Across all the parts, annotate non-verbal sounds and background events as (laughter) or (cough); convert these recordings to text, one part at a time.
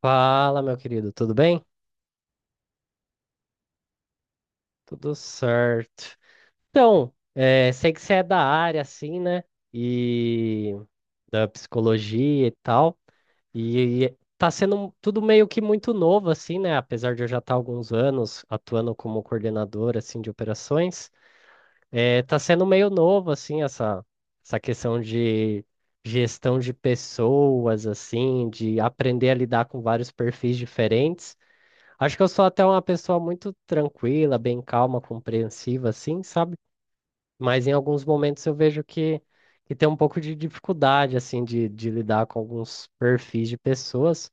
Fala, meu querido, tudo bem? Tudo certo. Sei que você é da área, assim, né? E da psicologia e tal. E tá sendo tudo meio que muito novo, assim, né? Apesar de eu já estar há alguns anos atuando como coordenador, assim, de operações, tá sendo meio novo, assim, essa questão de gestão de pessoas, assim, de aprender a lidar com vários perfis diferentes. Acho que eu sou até uma pessoa muito tranquila, bem calma, compreensiva, assim, sabe? Mas em alguns momentos eu vejo que tem um pouco de dificuldade, assim, de lidar com alguns perfis de pessoas.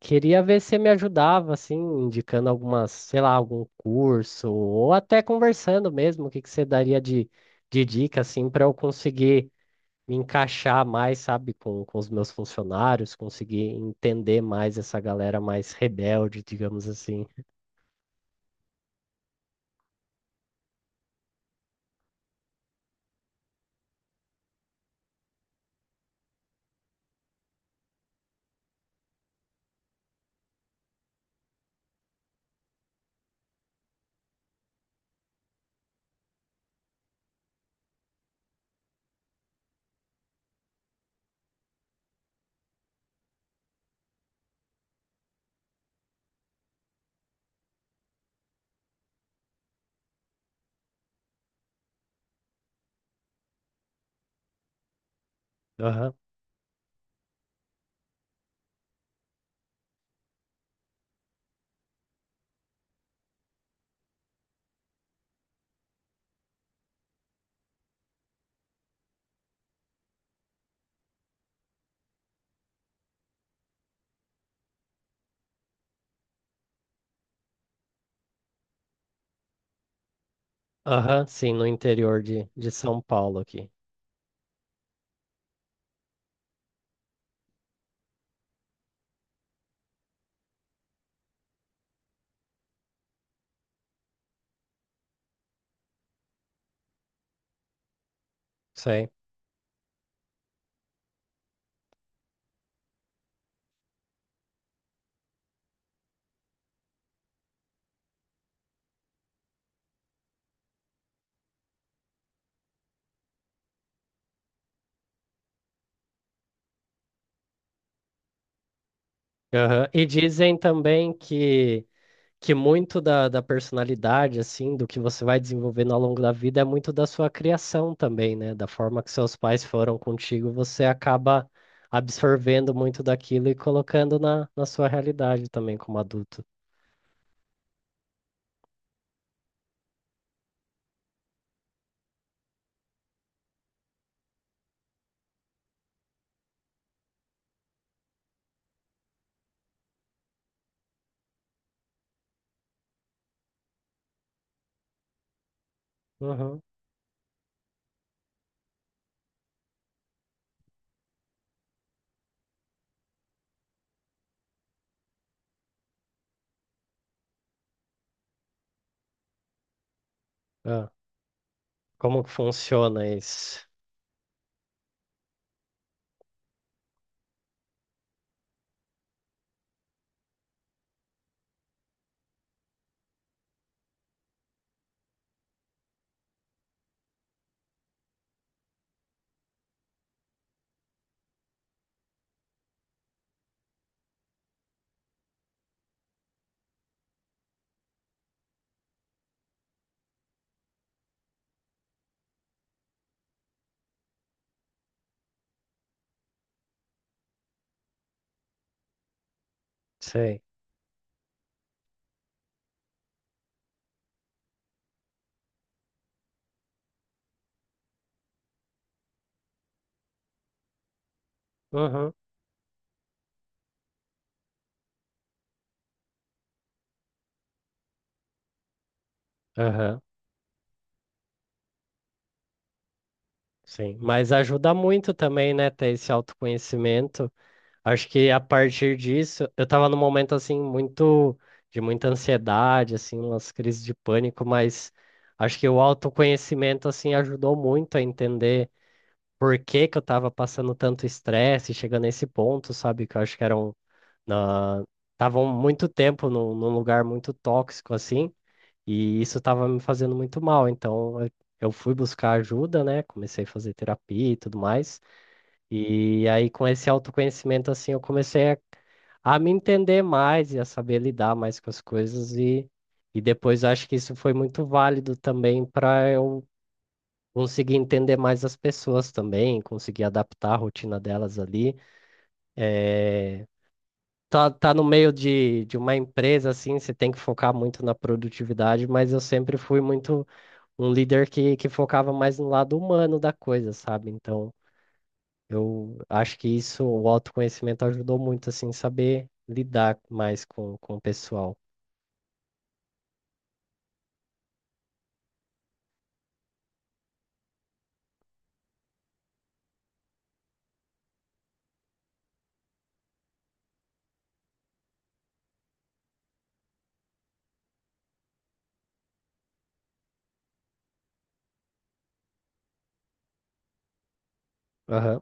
Queria ver se você me ajudava, assim, indicando algumas, sei lá, algum curso, ou até conversando mesmo, o que que você daria de dica, assim, para eu conseguir me encaixar mais, sabe, com os meus funcionários, conseguir entender mais essa galera mais rebelde, digamos assim. Aham. Aham, sim, no interior de São Paulo aqui. Sei. Aham. E dizem também que muito da personalidade, assim, do que você vai desenvolvendo ao longo da vida é muito da sua criação também, né? Da forma que seus pais foram contigo, você acaba absorvendo muito daquilo e colocando na sua realidade também como adulto. Uhum. Ah, como que funciona isso? Sei. Uhum. Aham. Sim. Mas ajuda muito também, né, ter esse autoconhecimento. Acho que a partir disso, eu tava num momento assim muito de muita ansiedade, assim, umas crises de pânico, mas acho que o autoconhecimento assim ajudou muito a entender por que que eu tava passando tanto estresse, chegando nesse ponto, sabe? Que eu acho que eram na estavam muito tempo num, num lugar muito tóxico assim, e isso tava me fazendo muito mal. Então, eu fui buscar ajuda, né? Comecei a fazer terapia e tudo mais. E aí, com esse autoconhecimento, assim, eu comecei a me entender mais e a saber lidar mais com as coisas. E depois eu acho que isso foi muito válido também para eu conseguir entender mais as pessoas também, conseguir adaptar a rotina delas ali. Eh, tá no meio de uma empresa, assim, você tem que focar muito na produtividade, mas eu sempre fui muito um líder que focava mais no lado humano da coisa, sabe? Então. Eu acho que isso, o autoconhecimento ajudou muito, assim, saber lidar mais com o pessoal. Aham,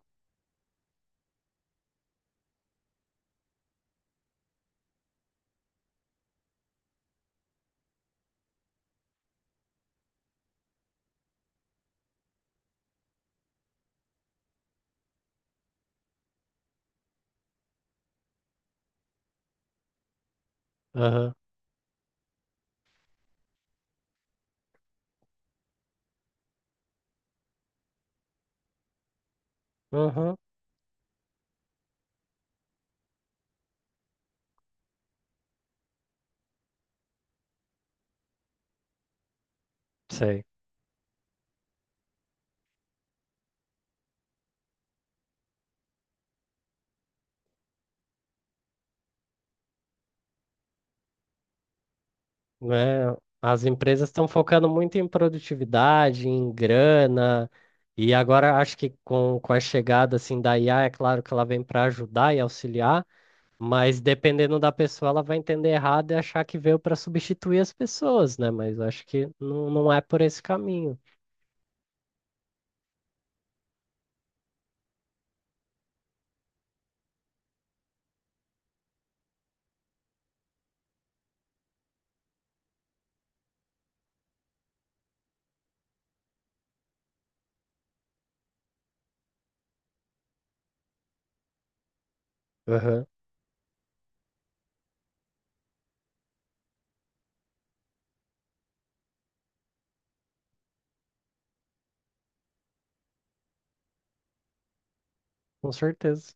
aham, aham, sei. Né? As empresas estão focando muito em produtividade, em grana, e agora acho que com a chegada, assim, da IA, é claro que ela vem para ajudar e auxiliar, mas dependendo da pessoa, ela vai entender errado e achar que veio para substituir as pessoas, né? Mas acho que não, não é por esse caminho. Aham, com certeza.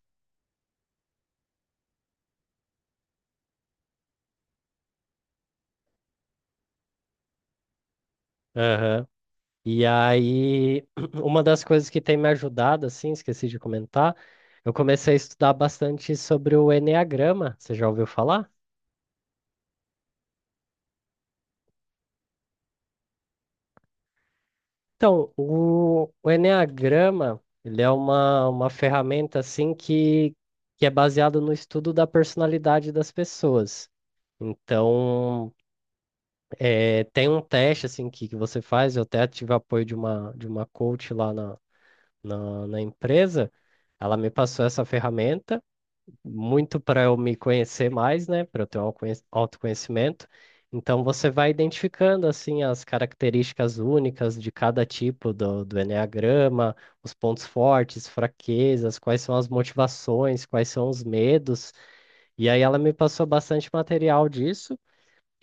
Aham. E aí, (clears throat) uma das coisas que tem me ajudado, assim, esqueci de comentar, eu comecei a estudar bastante sobre o enneagrama. Você já ouviu falar? Então, o enneagrama, ele é uma ferramenta, assim, que é baseado no estudo da personalidade das pessoas. Então, é, tem um teste, assim, que você faz, eu até tive apoio de uma coach lá na, na empresa, ela me passou essa ferramenta muito para eu me conhecer mais, né? Para eu ter um autoconhecimento. Então você vai identificando assim as características únicas de cada tipo do, do enneagrama, os pontos fortes, fraquezas, quais são as motivações, quais são os medos. E aí ela me passou bastante material disso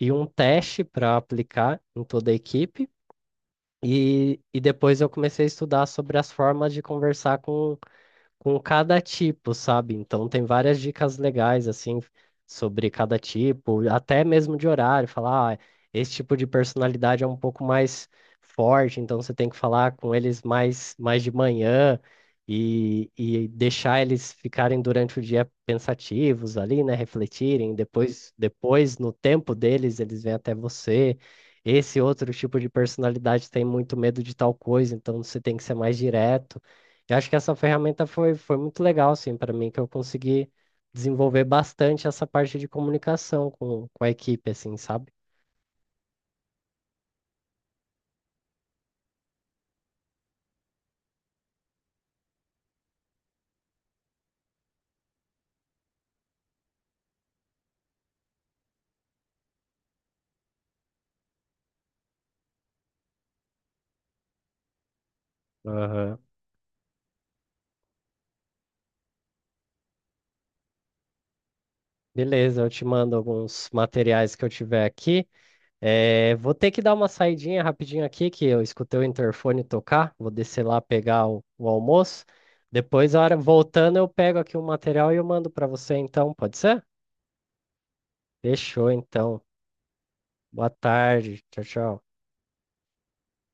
e um teste para aplicar em toda a equipe. E depois eu comecei a estudar sobre as formas de conversar com cada tipo, sabe? Então tem várias dicas legais assim sobre cada tipo, até mesmo de horário, falar, ah, esse tipo de personalidade é um pouco mais forte, então você tem que falar com eles mais de manhã e deixar eles ficarem durante o dia pensativos ali, né, refletirem, depois no tempo deles eles vêm até você. Esse outro tipo de personalidade tem muito medo de tal coisa, então você tem que ser mais direto. Eu acho que essa ferramenta foi muito legal, assim, para mim, que eu consegui desenvolver bastante essa parte de comunicação com a equipe, assim, sabe? Aham. Beleza, eu te mando alguns materiais que eu tiver aqui. Eh, vou ter que dar uma saidinha rapidinho aqui, que eu escutei o interfone tocar. Vou descer lá pegar o almoço. Depois, a hora voltando, eu pego aqui o material e eu mando para você, então, pode ser? Fechou, então. Boa tarde. Tchau, tchau.